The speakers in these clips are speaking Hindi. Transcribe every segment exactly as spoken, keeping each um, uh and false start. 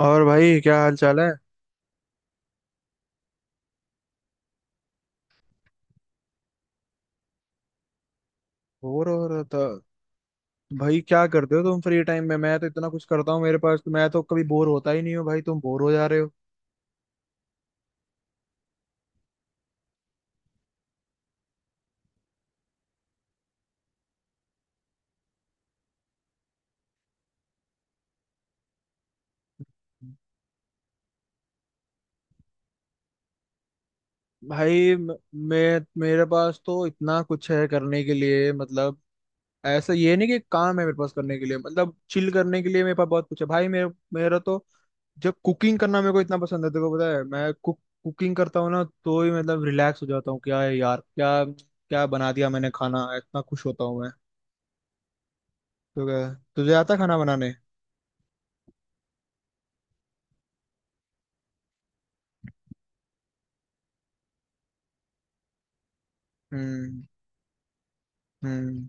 और भाई क्या हाल चाल है? बोर हो रहा था? भाई क्या करते हो तुम फ्री टाइम में? मैं तो इतना कुछ करता हूँ मेरे पास, मैं तो कभी बोर होता ही नहीं हूँ। भाई तुम बोर हो जा रहे हो? भाई म- मैं, मेरे पास तो इतना कुछ है करने के लिए, मतलब ऐसा ये नहीं कि काम है मेरे पास करने के लिए, मतलब चिल करने के लिए मेरे पास बहुत कुछ है भाई। मेरे, मेरा तो, जब कुकिंग करना मेरे को इतना पसंद है, तेरे को पता है मैं कुक कुकिंग करता हूँ ना तो ही मतलब रिलैक्स हो जाता हूँ। क्या है यार, क्या क्या बना दिया मैंने खाना, इतना खुश होता हूँ मैं। तो क्या तुझे आता है खाना बनाने? हम्म, हम्म।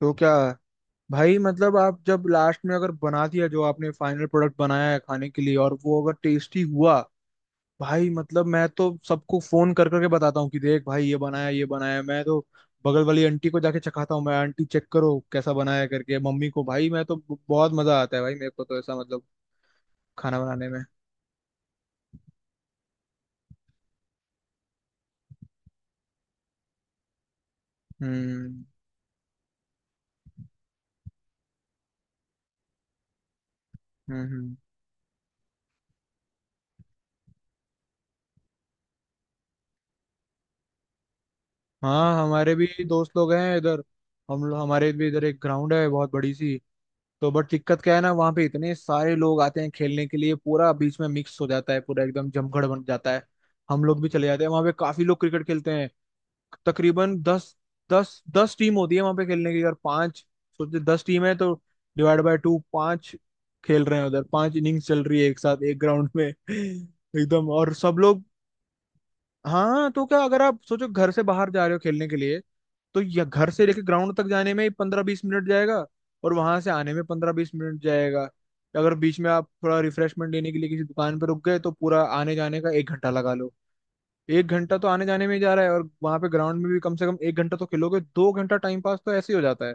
तो क्या भाई, मतलब आप जब लास्ट में अगर बना दिया, जो आपने फाइनल प्रोडक्ट बनाया है खाने के लिए और वो अगर टेस्टी हुआ, भाई मतलब मैं तो सबको फोन कर करके बताता हूँ कि देख भाई ये बनाया, ये बनाया। मैं तो बगल वाली आंटी को जाके चखाता हूँ, मैं आंटी चेक करो कैसा बनाया करके, मम्मी को, भाई मैं तो ब- बहुत मजा आता है भाई मेरे को तो, ऐसा मतलब खाना बनाने में। हम्म हम्म हम्म। हाँ, हमारे भी दोस्त लोग हैं इधर। हम लोग, हमारे भी इधर एक ग्राउंड है बहुत बड़ी सी, तो बट दिक्कत क्या है ना, वहाँ पे इतने सारे लोग आते हैं खेलने के लिए, पूरा बीच में मिक्स हो जाता है, पूरा एकदम जमघट बन जाता है। हम लोग भी चले जाते हैं वहाँ पे, काफी लोग क्रिकेट खेलते हैं, तकरीबन दस, दस दस टीम होती है वहाँ पे खेलने की, और पांच, सोचते दस टीम है तो डिवाइड बाय टू पांच खेल रहे हैं उधर, पांच इनिंग्स चल रही है एक साथ एक ग्राउंड में एकदम, और सब लोग। हाँ तो क्या, अगर आप सोचो घर से बाहर जा रहे हो खेलने के लिए, तो यह घर से लेके ग्राउंड तक जाने में ही पंद्रह बीस मिनट जाएगा, और वहां से आने में पंद्रह बीस मिनट जाएगा। अगर बीच में आप थोड़ा रिफ्रेशमेंट लेने के लिए किसी दुकान पर रुक गए तो पूरा आने जाने का एक घंटा लगा लो। एक घंटा तो आने जाने में ही जा रहा है, और वहां पे ग्राउंड में भी कम से कम एक घंटा तो खेलोगे, दो घंटा टाइम पास तो ऐसे ही हो जाता है।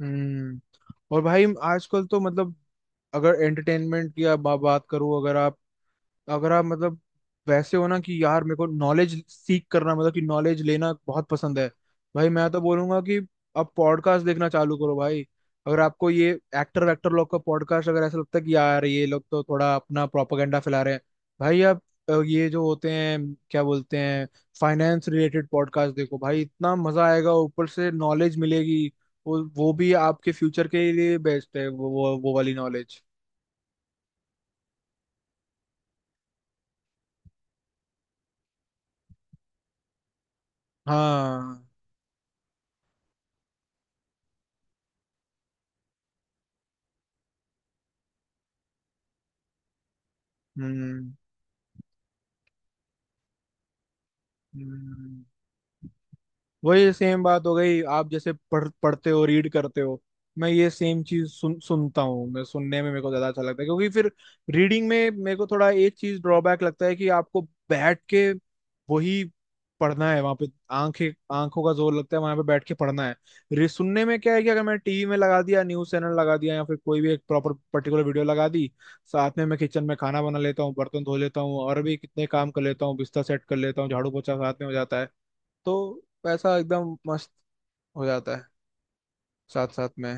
हम्म और भाई, आजकल तो मतलब, अगर एंटरटेनमेंट की आप बा, बात करूँ, अगर आप, अगर आप मतलब वैसे हो ना कि यार मेरे को नॉलेज सीख करना, मतलब कि नॉलेज लेना बहुत पसंद है। भाई मैं तो बोलूंगा कि अब पॉडकास्ट देखना चालू करो भाई। अगर आपको ये एक्टर वैक्टर लोग का पॉडकास्ट अगर ऐसा लगता है कि यार ये लोग तो थोड़ा अपना प्रोपागेंडा फैला रहे हैं, भाई आप, अ, ये जो होते हैं क्या बोलते हैं, फाइनेंस रिलेटेड पॉडकास्ट देखो भाई, इतना मजा आएगा, ऊपर से नॉलेज मिलेगी। वो वो भी आपके फ्यूचर के लिए बेस्ट है, वो वो, वो वाली नॉलेज। हाँ, हम्म, हम्म। वही सेम बात हो गई, आप जैसे पढ़ पढ़ते हो, रीड करते हो, मैं ये सेम चीज सुन सुनता हूँ। मैं सुनने में मेरे को ज्यादा अच्छा लगता है, क्योंकि फिर रीडिंग में मेरे को थोड़ा एक चीज ड्रॉबैक लगता है कि आपको बैठ के वही पढ़ना है वहां पे, आंखें, आंखों का जोर लगता है वहां पे, बैठ के पढ़ना है। रे, सुनने में क्या है कि अगर मैं टीवी में लगा दिया, न्यूज चैनल लगा दिया, या फिर कोई भी एक प्रॉपर पर्टिकुलर वीडियो लगा दी, साथ में मैं किचन में खाना बना लेता हूँ, बर्तन धो लेता हूँ, और भी कितने काम कर लेता हूँ, बिस्तर सेट कर लेता हूँ, झाड़ू पोछा साथ में हो जाता है। तो पैसा एकदम मस्त हो जाता है साथ साथ में।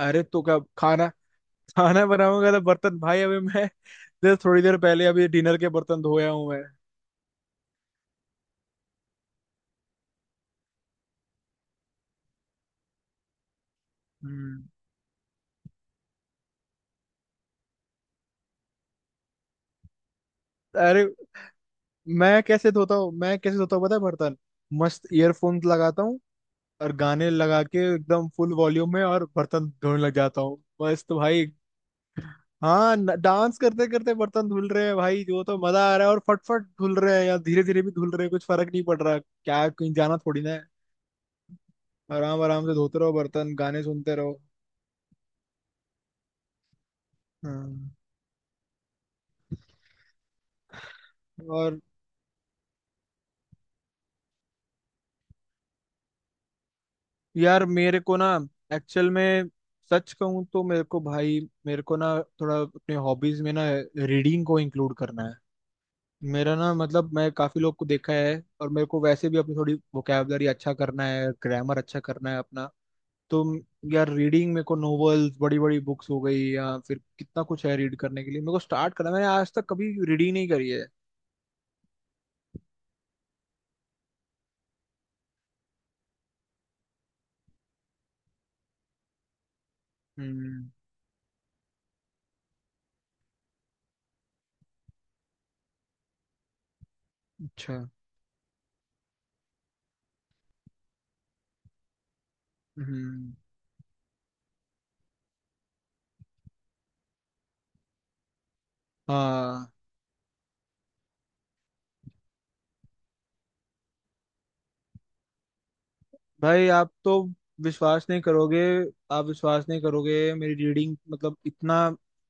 अरे तो क्या, खाना, खाना बनाऊंगा तो बर्तन, भाई अभी मैं, देर, थोड़ी देर पहले अभी डिनर के बर्तन धोया हूँ मैं। हम्म। अरे, मैं कैसे धोता हूँ, मैं कैसे धोता हूँ पता है बर्तन, मस्त ईयरफोन्स लगाता हूँ और गाने लगा के एकदम फुल वॉल्यूम में, और बर्तन धोने लग जाता हूँ मस्त भाई। हाँ, न- डांस करते करते बर्तन धुल रहे हैं भाई, वो तो मजा आ रहा है, और फटफट धुल रहे हैं या धीरे धीरे भी धुल रहे हैं, कुछ फर्क नहीं पड़ रहा, क्या कहीं जाना थोड़ी ना है। आराम आराम से धोते रहो बर्तन, गाने सुनते रहो। हाँ और, यार मेरे को ना, एक्चुअल में, सच कहूँ तो मेरे को भाई, मेरे को ना, थोड़ा अपने हॉबीज में ना रीडिंग को इंक्लूड करना है। मेरा ना मतलब, मैं काफी लोग को देखा है, और मेरे को वैसे भी अपनी थोड़ी वोकैबलरी अच्छा करना है, ग्रामर अच्छा करना है अपना, तो यार रीडिंग, मेरे को नॉवेल्स, बड़ी बड़ी बुक्स हो गई, या फिर कितना कुछ है रीड करने के लिए, मेरे को स्टार्ट करना है। मैंने आज तक कभी रीडिंग नहीं करी है। हम्म। अच्छा। हम्म। हाँ, भाई आप तो विश्वास नहीं करोगे, आप विश्वास नहीं करोगे मेरी रीडिंग, मतलब इतना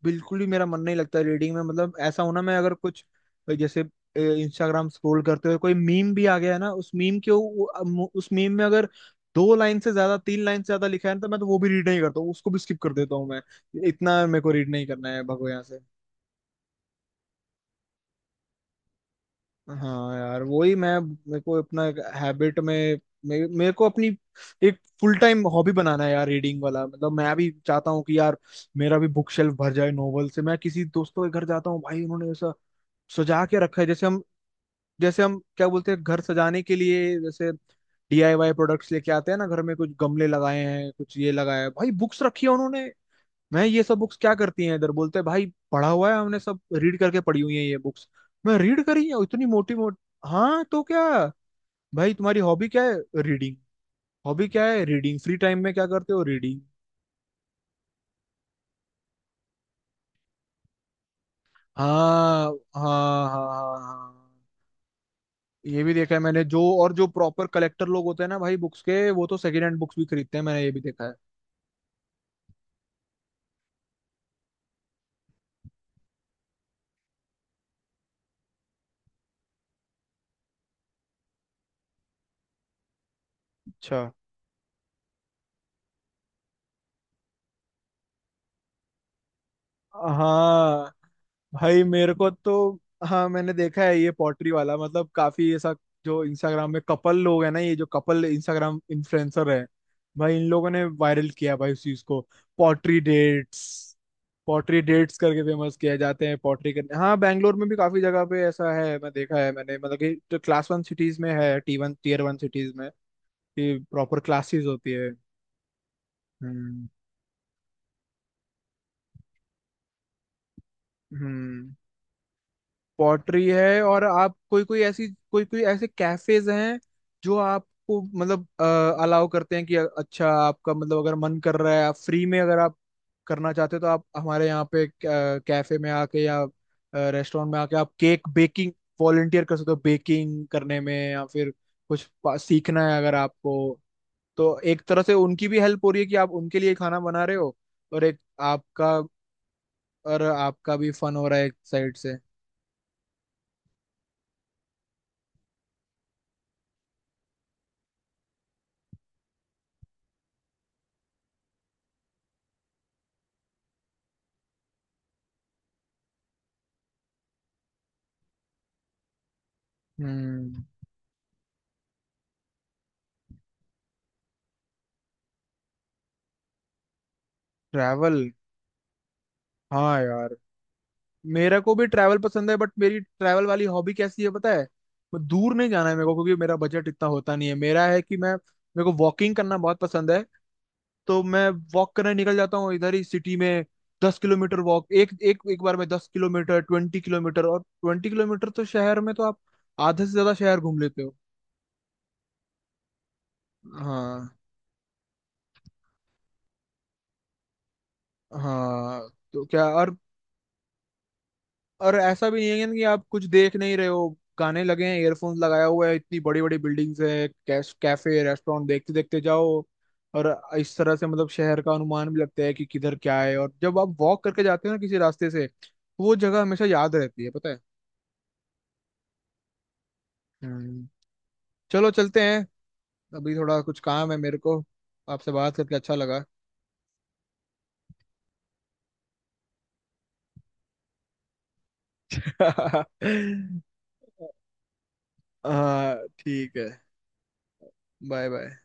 बिल्कुल ही मेरा मन नहीं लगता रीडिंग में, मतलब ऐसा होना। मैं अगर कुछ, जैसे इंस्टाग्राम स्क्रॉल करते हुए कोई मीम भी आ गया है ना, उस मीम के, उ- उस मीम में अगर दो लाइन से ज्यादा, तीन लाइन से ज्यादा लिखा है ना, तो मैं तो वो भी रीड नहीं करता हूँ, उसको भी स्किप कर देता हूँ मैं। इतना मेरे को रीड नहीं करना है, भगो यहाँ से। हाँ यार, वही मैं, मेरे को अपना एक हैबिट में, मे, मेरे को अपनी एक फुल टाइम हॉबी बनाना है यार रीडिंग वाला। मतलब मैं भी चाहता हूँ कि यार मेरा भी बुक शेल्फ भर जाए नॉवल से। मैं किसी दोस्तों के घर जाता हूँ भाई, उन्होंने ऐसा सजा के रखा है जैसे हम, जैसे हम क्या बोलते हैं, घर सजाने के लिए जैसे डी आई वाई प्रोडक्ट्स लेके आते हैं ना घर में, कुछ गमले लगाए हैं, कुछ ये लगाया है, भाई बुक्स रखी है उन्होंने। मैं, ये सब बुक्स क्या करती हैं इधर, बोलते हैं भाई पढ़ा हुआ है हमने, सब रीड करके पढ़ी हुई है ये बुक्स। मैं रीड करी है इतनी मोटी मोटी। हाँ तो क्या, भाई तुम्हारी हॉबी क्या है? रीडिंग। हॉबी क्या है? रीडिंग। फ्री टाइम में क्या करते हो? रीडिंग। हाँ, हाँ, हाँ, हाँ, हाँ। ये भी देखा है मैंने, जो और जो प्रॉपर कलेक्टर लोग होते हैं ना भाई बुक्स के, वो तो सेकेंड हैंड बुक्स भी खरीदते हैं, मैंने ये भी देखा है। अच्छा। हाँ, भाई मेरे को तो, हाँ मैंने देखा है ये पॉटरी वाला, मतलब काफी ऐसा, जो इंस्टाग्राम में कपल लोग है ना, ये जो कपल इंस्टाग्राम इन्फ्लुएंसर है, भाई इन लोगों ने वायरल किया भाई उस चीज को। पॉटरी डेट्स, पॉटरी डेट्स करके फेमस किया, जाते हैं पॉटरी करने। हाँ बैंगलोर में भी काफी जगह पे ऐसा है, मैं देखा है मैंने, मतलब कि जो क्लास वन सिटीज में है, T one tier one cities में कि प्रॉपर क्लासेस होती है। हम्म, हम्म। पॉटरी है, और आप कोई कोई ऐसी, कोई कोई ऐसे कैफेज हैं जो आपको मतलब अलाउ करते हैं कि अ- अच्छा आपका मतलब, अगर मन कर रहा है, आप फ्री में अगर आप करना चाहते हो, तो आप हमारे यहाँ पे कैफे में आके या रेस्टोरेंट में आके आप केक बेकिंग, वॉलंटियर कर सकते हो बेकिंग करने में, या फिर कुछ पा- सीखना है अगर आपको, तो एक तरह से उनकी भी हेल्प हो रही है कि आप उनके लिए खाना बना रहे हो, और एक आपका, और आपका भी फन हो रहा है एक साइड से। हम्म। ट्रैवल। हाँ यार, मेरे को भी ट्रैवल पसंद है, बट मेरी ट्रैवल वाली हॉबी कैसी है पता है, मैं दूर नहीं जाना है मेरे को, क्योंकि मेरा बजट इतना होता नहीं है। मेरा है कि मैं, मेरे को वॉकिंग करना बहुत पसंद है, तो मैं वॉक करने निकल जाता हूँ इधर ही सिटी में। दस किलोमीटर वॉक, एक एक एक बार में दस किलोमीटर, ट्वेंटी किलोमीटर, और ट्वेंटी किलोमीटर तो शहर में तो आप आधे से ज्यादा शहर घूम लेते हो। हाँ। हाँ तो क्या, और और ऐसा भी नहीं है कि आप कुछ देख नहीं रहे हो, गाने लगे हैं, ईयरफोन्स लगाया हुआ है, इतनी बड़ी बड़ी बिल्डिंग्स है, कैश, कैफे, रेस्टोरेंट देखते देखते जाओ। और इस तरह से मतलब शहर का अनुमान भी लगता है कि किधर क्या है, और जब आप वॉक करके जाते हो ना किसी रास्ते से, तो वो जगह हमेशा याद रहती है पता है। हम्म। चलो चलते हैं, अभी थोड़ा कुछ काम है मेरे को, आपसे बात करके अच्छा लगा। हाँ ठीक है, बाय बाय।